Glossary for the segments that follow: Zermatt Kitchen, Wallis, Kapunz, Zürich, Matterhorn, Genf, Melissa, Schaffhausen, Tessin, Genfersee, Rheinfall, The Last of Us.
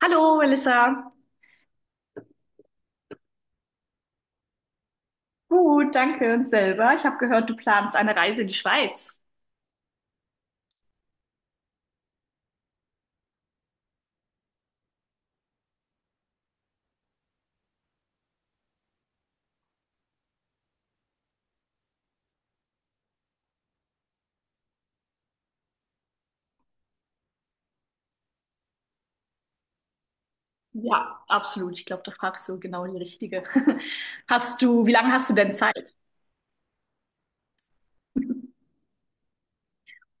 Hallo, Melissa. Gut, danke und selber. Ich habe gehört, du planst eine Reise in die Schweiz. Ja, absolut. Ich glaube, da fragst du genau die Richtige. Wie lange hast du denn Zeit?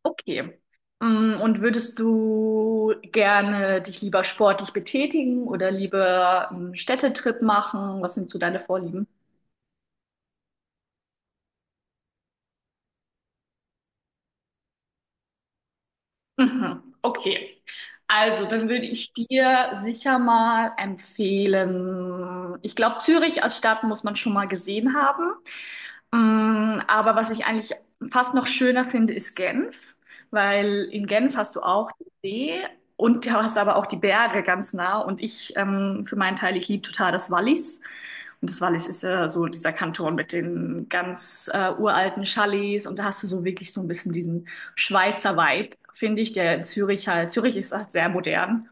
Okay. Und würdest du gerne dich lieber sportlich betätigen oder lieber einen Städtetrip machen? Was sind so deine Vorlieben? Mhm. Okay. Also, dann würde ich dir sicher mal empfehlen. Ich glaube, Zürich als Stadt muss man schon mal gesehen haben. Aber was ich eigentlich fast noch schöner finde, ist Genf, weil in Genf hast du auch die See und du hast aber auch die Berge ganz nah. Und ich, für meinen Teil, ich liebe total das Wallis. Und das Wallis ist ja so dieser Kanton mit den ganz uralten Chalets. Und da hast du so wirklich so ein bisschen diesen Schweizer Vibe, finde ich, der in Zürich halt. Zürich ist halt sehr modern.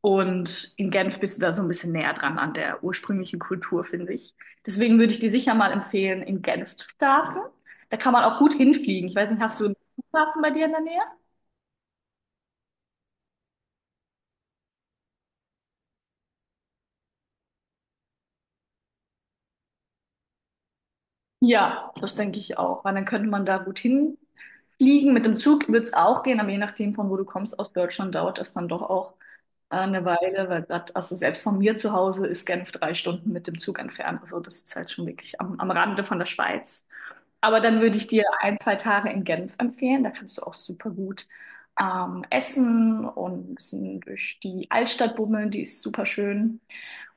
Und in Genf bist du da so ein bisschen näher dran an der ursprünglichen Kultur, finde ich. Deswegen würde ich dir sicher mal empfehlen, in Genf zu starten. Da kann man auch gut hinfliegen. Ich weiß nicht, hast du einen Flughafen bei dir in der Nähe? Ja, das denke ich auch, weil dann könnte man da gut hinfliegen. Mit dem Zug wird es auch gehen, aber je nachdem, von wo du kommst, aus Deutschland dauert das dann doch auch eine Weile, weil grad, also selbst von mir zu Hause ist Genf 3 Stunden mit dem Zug entfernt. Also das ist halt schon wirklich am Rande von der Schweiz. Aber dann würde ich dir ein, zwei Tage in Genf empfehlen. Da kannst du auch super gut essen und ein bisschen durch die Altstadt bummeln. Die ist super schön.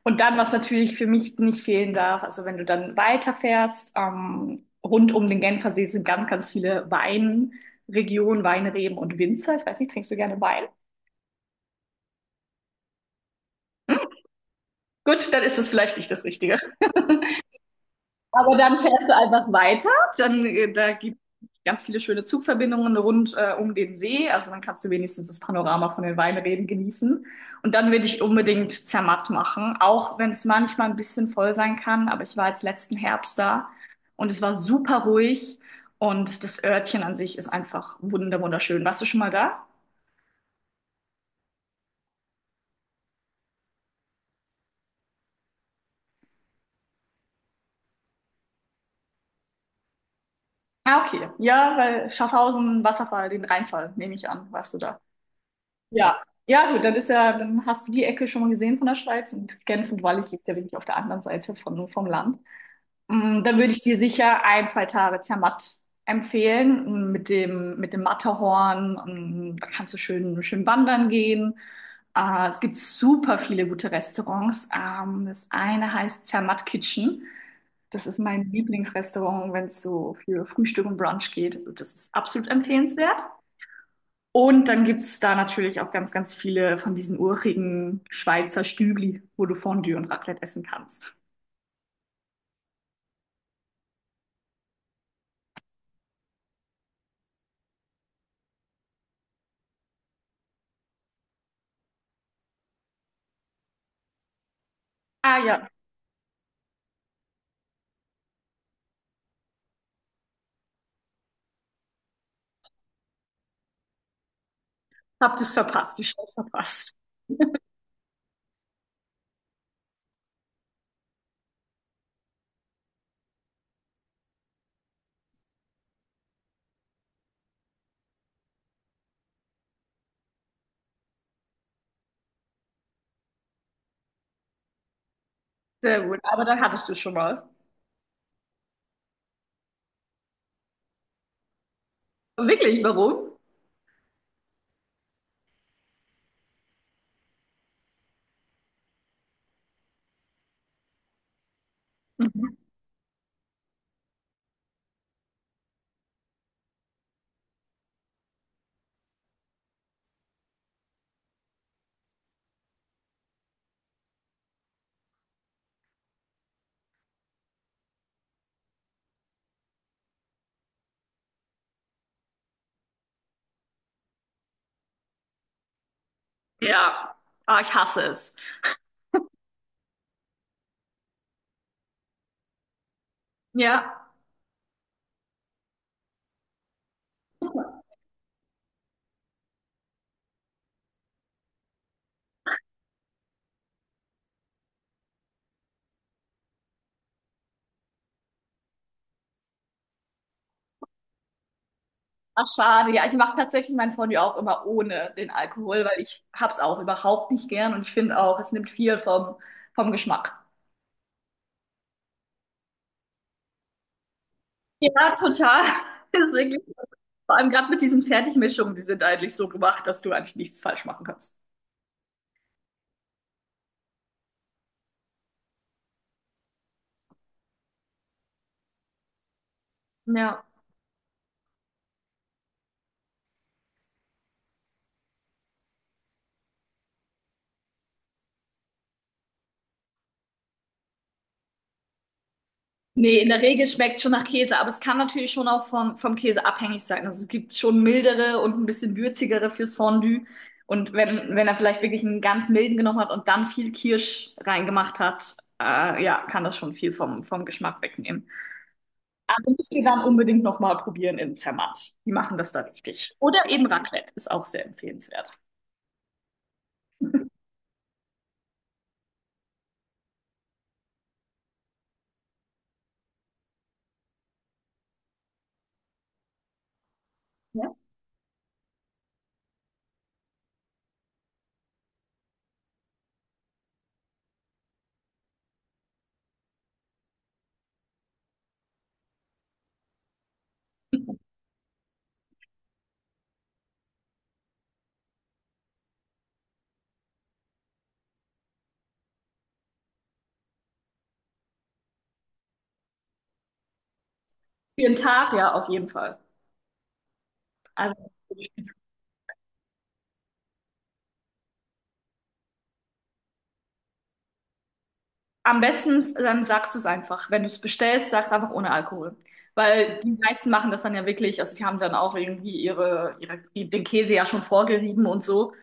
Und dann, was natürlich für mich nicht fehlen darf, also wenn du dann weiterfährst, rund um den Genfersee sind ganz, ganz viele Weinregionen, Weinreben und Winzer. Ich weiß nicht, trinkst du gerne Wein? Gut, dann ist es vielleicht nicht das Richtige. Aber dann fährst du einfach weiter. Dann, da gibt es ganz viele schöne Zugverbindungen rund um den See. Also dann kannst du wenigstens das Panorama von den Weinreben genießen. Und dann würde ich unbedingt Zermatt machen, auch wenn es manchmal ein bisschen voll sein kann. Aber ich war jetzt letzten Herbst da und es war super ruhig. Und das Örtchen an sich ist einfach wunder wunderschön. Warst du schon mal da? Ah, okay. Ja, weil Schaffhausen, Wasserfall, den Rheinfall, nehme ich an, warst du da. Ja. Ja, gut, dann ist ja, dann hast du die Ecke schon mal gesehen von der Schweiz und Genf und Wallis liegt ja wirklich auf der anderen Seite vom Land. Dann würde ich dir sicher ein, zwei Tage Zermatt empfehlen mit dem Matterhorn. Da kannst du schön, schön wandern gehen. Es gibt super viele gute Restaurants. Das eine heißt Zermatt Kitchen. Das ist mein Lieblingsrestaurant, wenn es so für Frühstück und Brunch geht. Also das ist absolut empfehlenswert. Und dann gibt's da natürlich auch ganz, ganz viele von diesen urigen Schweizer Stügli, wo du Fondue und Raclette essen kannst. Ah ja, hab das verpasst, die Chance verpasst. Sehr gut, aber dann hattest du schon mal. Wirklich, warum? Mhm. Ja, ah, ich hasse es. Ja. Ach, schade. Ja, ich mache tatsächlich mein Fondue auch immer ohne den Alkohol, weil ich hab's auch überhaupt nicht gern und ich finde auch, es nimmt viel vom Geschmack. Ja, total. Ist wirklich, so. Vor allem gerade mit diesen Fertigmischungen, die sind eigentlich so gemacht, dass du eigentlich nichts falsch machen kannst. Ja. Nee, in der Regel schmeckt schon nach Käse, aber es kann natürlich schon auch vom Käse abhängig sein. Also es gibt schon mildere und ein bisschen würzigere fürs Fondue. Und wenn er vielleicht wirklich einen ganz milden genommen hat und dann viel Kirsch reingemacht hat, ja, kann das schon viel vom Geschmack wegnehmen. Also müsst ihr dann unbedingt nochmal probieren im Zermatt. Die machen das da richtig. Oder eben Raclette ist auch sehr empfehlenswert. Für den Tag, ja, auf jeden Fall. Also, am besten, dann sagst du es einfach. Wenn du es bestellst, sagst einfach ohne Alkohol. Weil die meisten machen das dann ja wirklich, also die haben dann auch irgendwie ihre, den Käse ja schon vorgerieben und so.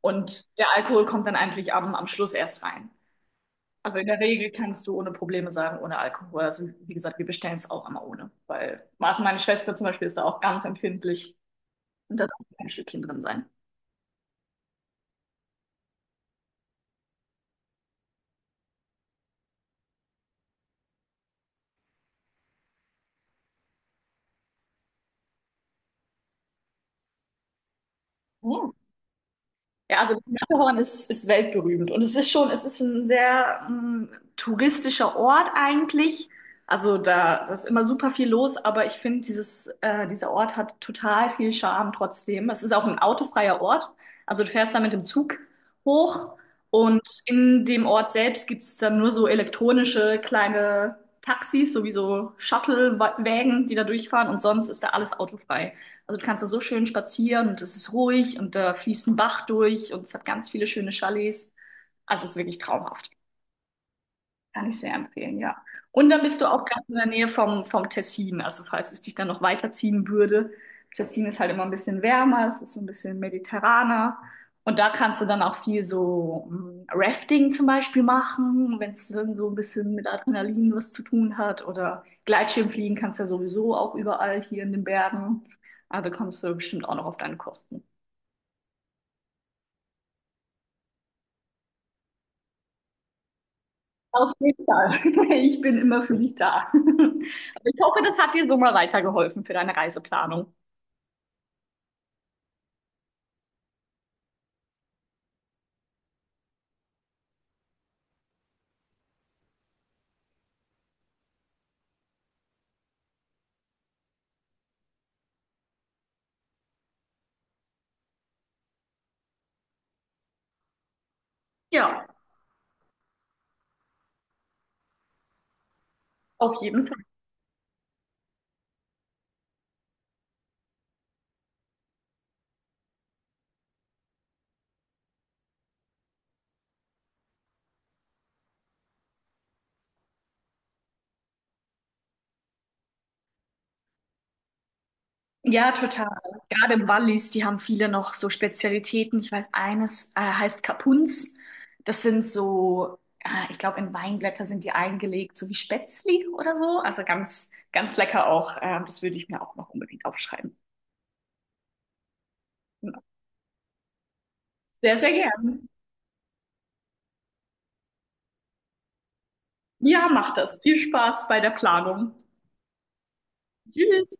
Und der Alkohol kommt dann eigentlich am Schluss erst rein. Also in der Regel kannst du ohne Probleme sagen, ohne Alkohol. Also wie gesagt, wir bestellen es auch immer ohne. Weil, also meine Schwester zum Beispiel ist da auch ganz empfindlich. Und da darf kein Stückchen drin sein. Hm. Ja, also das Matterhorn ist weltberühmt und es ist schon, es ist ein sehr touristischer Ort eigentlich. Also da ist immer super viel los, aber ich finde, dieser Ort hat total viel Charme trotzdem. Es ist auch ein autofreier Ort. Also du fährst da mit dem Zug hoch und in dem Ort selbst gibt es dann nur so elektronische kleine Taxis, sowieso Shuttle-Wägen, die da durchfahren und sonst ist da alles autofrei. Also du kannst da so schön spazieren und es ist ruhig und da fließt ein Bach durch und es hat ganz viele schöne Chalets. Also es ist wirklich traumhaft. Kann ich sehr empfehlen, ja. Und dann bist du auch ganz in der Nähe vom Tessin. Also falls es dich dann noch weiterziehen würde. Tessin ist halt immer ein bisschen wärmer, es ist so ein bisschen mediterraner. Und da kannst du dann auch viel so Rafting zum Beispiel machen, wenn es dann so ein bisschen mit Adrenalin was zu tun hat. Oder Gleitschirmfliegen kannst du ja sowieso auch überall hier in den Bergen. Also da kommst du bestimmt auch noch auf deine Kosten. Auf jeden Fall. Ich bin immer für dich da. Aber ich hoffe, das hat dir so mal weitergeholfen für deine Reiseplanung. Ja, auf jeden Fall. Ja, total. Gerade im Wallis, die haben viele noch so Spezialitäten. Ich weiß, eines heißt Kapunz. Das sind so, ich glaube, in Weinblätter sind die eingelegt, so wie Spätzli oder so. Also ganz, ganz lecker auch. Das würde ich mir auch noch unbedingt aufschreiben. Genau. Sehr, sehr gern. Ja, macht das. Viel Spaß bei der Planung. Tschüss.